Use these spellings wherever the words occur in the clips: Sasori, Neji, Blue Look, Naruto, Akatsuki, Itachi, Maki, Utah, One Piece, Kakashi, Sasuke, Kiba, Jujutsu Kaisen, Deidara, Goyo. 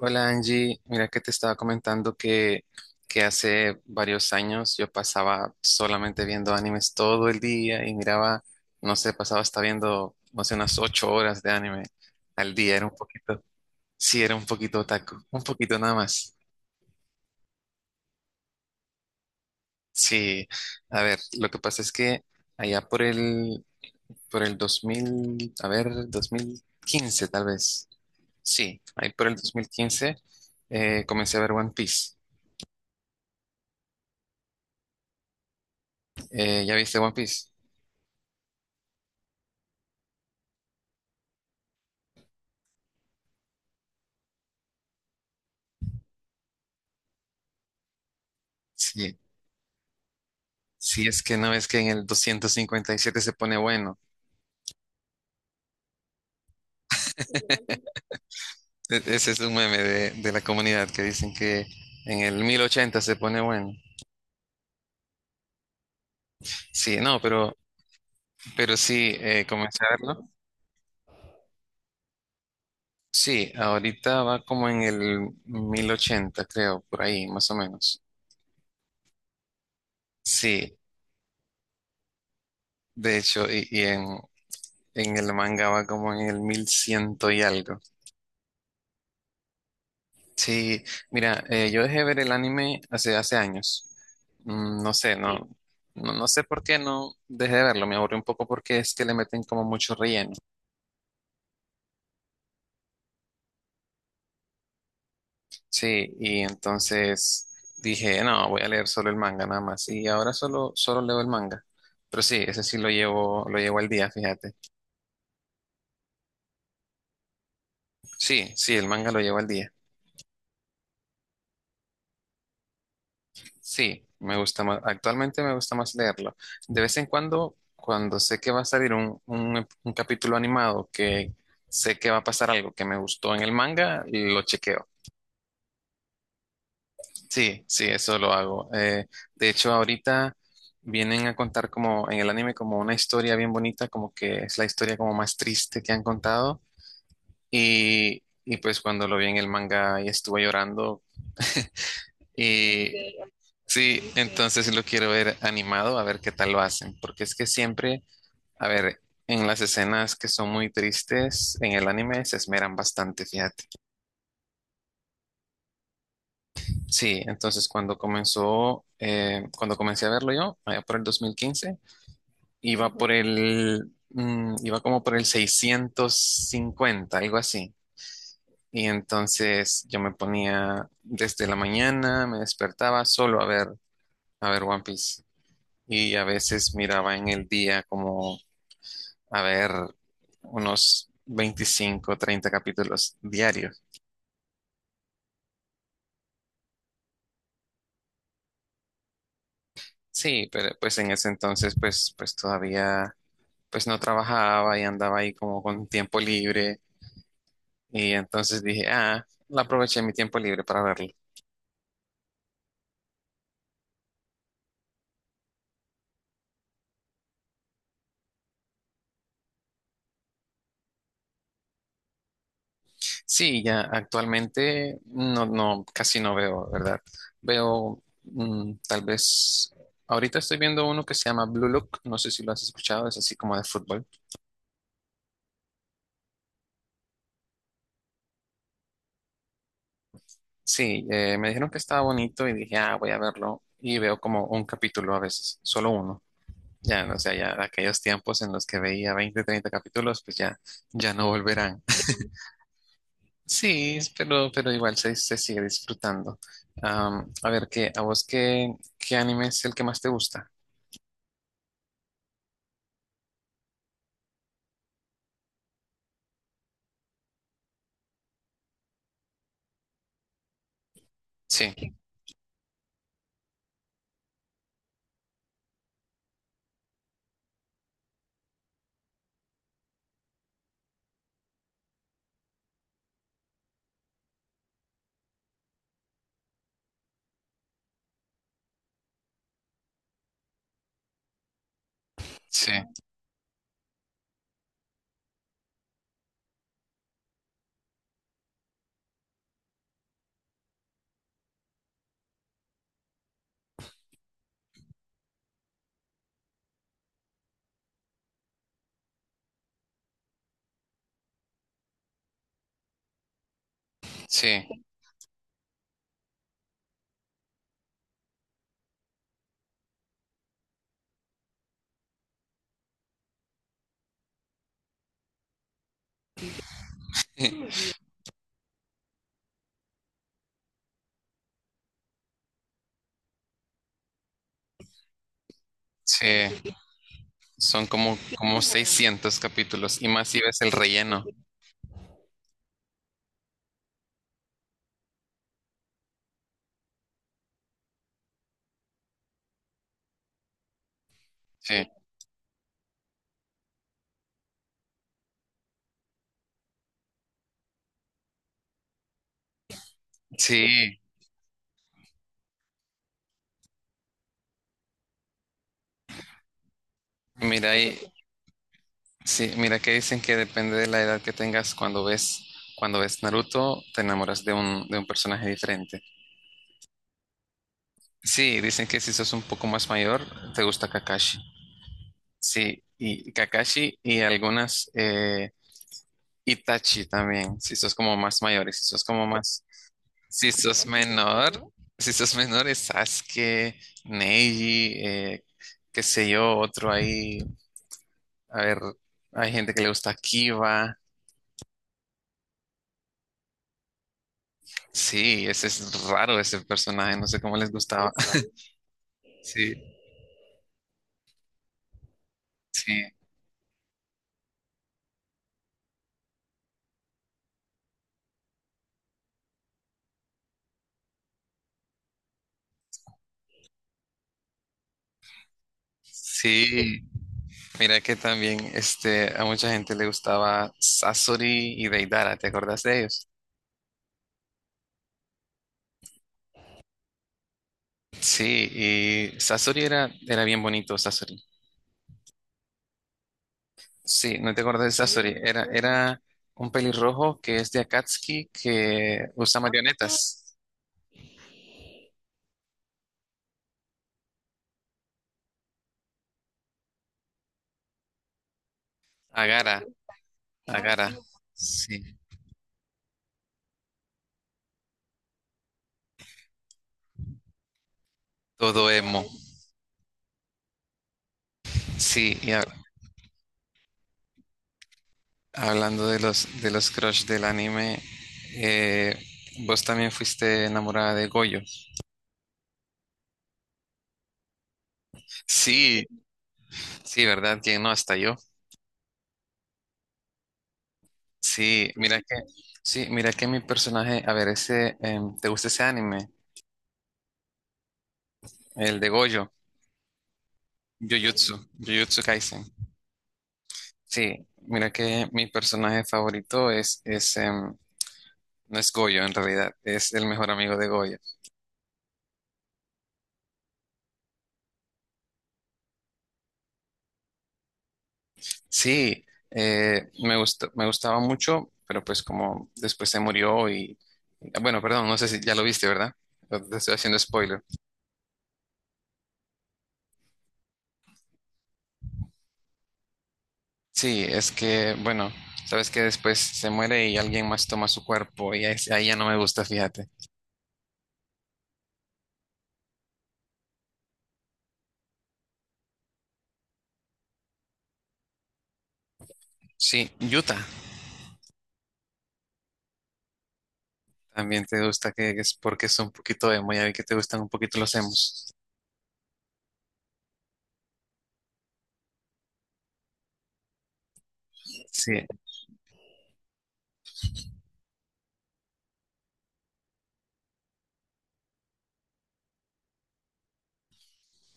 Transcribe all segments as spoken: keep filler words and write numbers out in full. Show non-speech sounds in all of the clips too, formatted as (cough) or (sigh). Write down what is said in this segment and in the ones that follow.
Hola Angie, mira que te estaba comentando que, que hace varios años yo pasaba solamente viendo animes todo el día y miraba, no sé, pasaba hasta viendo, no sé, unas ocho horas de anime al día. Era un poquito, sí, era un poquito otaku, un poquito nada más. Sí, a ver, lo que pasa es que allá por el, por el dos mil, a ver, dos mil quince tal vez, sí, ahí por el dos mil quince eh, comencé a ver One Piece. Eh, ¿ya viste One Piece? Sí, sí, es que no, es que en el doscientos cincuenta y siete se pone bueno. E- ese es un meme de, de la comunidad que dicen que en el mil ochenta se pone bueno. Sí, no, pero, pero sí, eh, comenzarlo. Sí, ahorita va como en el mil ochenta, creo, por ahí, más o menos. Sí, de hecho, y, y en, en el manga va como en el mil ciento y algo. Sí, mira, eh, yo dejé ver el anime hace, hace años. Mm, no sé, no, no, no sé por qué no dejé de verlo. Me aburrió un poco porque es que le meten como mucho relleno. Sí, y entonces dije, no, voy a leer solo el manga nada más. Y ahora solo, solo leo el manga. Pero sí, ese sí lo llevo, lo llevo al día, fíjate. Sí, sí, el manga lo llevo al día. Sí, me gusta más, actualmente me gusta más leerlo. De vez en cuando, cuando sé que va a salir un, un- un capítulo animado, que sé que va a pasar algo que me gustó en el manga, lo chequeo. Sí, sí, eso lo hago. Eh, de hecho, ahorita vienen a contar como en el anime como una historia bien bonita, como que es la historia como más triste que han contado. Y, y pues cuando lo vi en el manga y estuve llorando. Y sí, entonces sí lo quiero ver animado, a ver qué tal lo hacen, porque es que siempre, a ver, en las escenas que son muy tristes en el anime se esmeran bastante, fíjate. Sí, entonces cuando comenzó, eh, cuando comencé a verlo yo, allá por el dos mil quince, iba por el, mm, iba como por el seiscientos cincuenta, algo así. Y entonces yo me ponía desde la mañana, me despertaba solo a ver, a ver One Piece. Y a veces miraba en el día como, a ver, unos veinticinco treinta capítulos diarios. Sí, pero pues en ese entonces pues, pues todavía pues no trabajaba y andaba ahí como con tiempo libre, y entonces dije, ah, la aproveché mi tiempo libre para verlo. Sí, ya actualmente no, no, casi no veo, ¿verdad? Veo mm, tal vez, ahorita estoy viendo uno que se llama Blue Look, no sé si lo has escuchado, es así como de fútbol. Sí, eh, me dijeron que estaba bonito y dije, ah, voy a verlo. Y veo como un capítulo a veces, solo uno. Ya, o sea, ya aquellos tiempos en los que veía veinte treinta capítulos, pues ya, ya no volverán. (laughs) Sí, pero, pero igual se, se sigue disfrutando. Am, a ver, ¿qué, a vos qué, qué anime es el que más te gusta? Sí, sí, sí, (laughs) sí. Son como, como seiscientos capítulos y más si ves el relleno. Sí, sí. Mira, y Sí, mira que dicen que depende de la edad que tengas cuando ves, cuando ves Naruto, te enamoras de un, de un personaje diferente. Sí, dicen que si sos un poco más mayor, te gusta Kakashi. Sí, y Kakashi y algunas eh, Itachi también, si sos como más mayor y si sos como más, si sos menor, si sos menor es Sasuke, Neji, eh, qué sé yo, otro ahí, a ver, hay gente que le gusta Kiba. Sí, ese es raro ese personaje, no sé cómo les gustaba. (laughs) Sí, sí, sí. Mira que también este, a mucha gente le gustaba Sasori y Deidara, ¿te acordás de ellos? Sí, y Sasori era, era bien bonito, Sasori. Sí, no te acordás de Sasori, era, era un pelirrojo que es de Akatsuki que usa marionetas. Agara, Agara. Sí, todo emo. Sí, y a- Hablando de los, de los crush del anime, eh, vos también fuiste enamorada de Goyo. Sí, sí, ¿verdad? ¿Quién no? Hasta yo. Sí, mira que, sí, mira que mi personaje, a ver, ese, em, ¿te gusta ese anime? El de Goyo. Jujutsu, Jujutsu Kaisen. Sí, mira que mi personaje favorito es, es, em, no es Goyo en realidad, es el mejor amigo de Goyo. Sí, eh, me gustó, me gustaba mucho, pero pues como después se murió. Y, bueno, perdón, no sé si ya lo viste, ¿verdad? Te estoy haciendo spoiler. Sí, es que, bueno, sabes que después se muere y alguien más toma su cuerpo y ahí, ahí ya no me gusta, fíjate. Sí, Utah, también te gusta, que que es porque es un poquito emo, ya vi que te gustan un poquito los emos. Sí,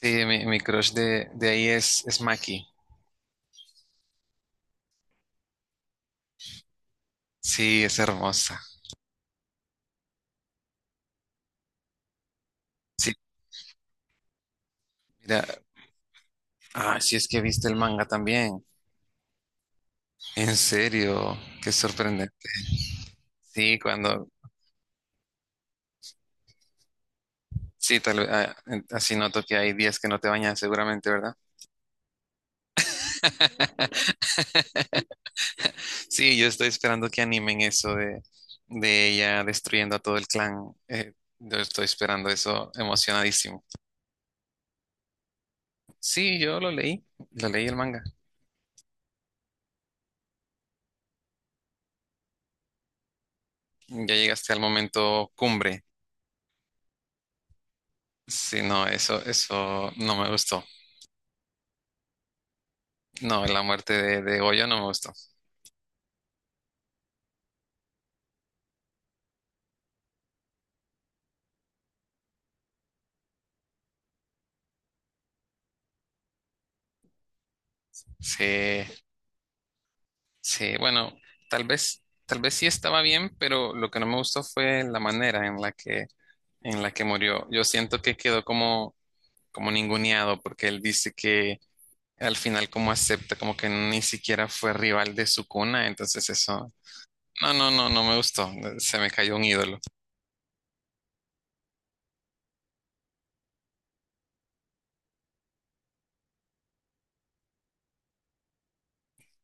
sí, mi, mi crush de, de ahí es, es Maki. Sí, es hermosa. Sí, mira, ah, sí es que viste el manga también. En serio, qué sorprendente. Sí, cuando, sí, tal vez, ah, en- así noto que hay días que no te bañas seguramente, ¿verdad? (laughs) Sí, yo estoy esperando que animen eso de, de ella destruyendo a todo el clan. Eh, yo estoy esperando eso emocionadísimo. Sí, yo lo leí, lo leí el manga. Ya llegaste al momento cumbre. Sí, no, eso, eso no me gustó. No, la muerte de, de Goyo no me gustó. Sí. Sí, bueno, tal vez, tal vez sí estaba bien, pero lo que no me gustó fue la manera en la que, en la que murió. Yo siento que quedó como, como ninguneado, porque él dice que al final como acepta, como que ni siquiera fue rival de su cuna. Entonces eso, no, no, no, no me gustó. Se me cayó un ídolo.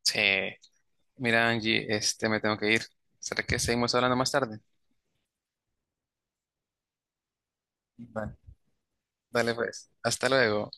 Sí, mira, Angie, este, me tengo que ir. ¿Será que seguimos hablando más tarde? Vale. Dale pues, hasta luego.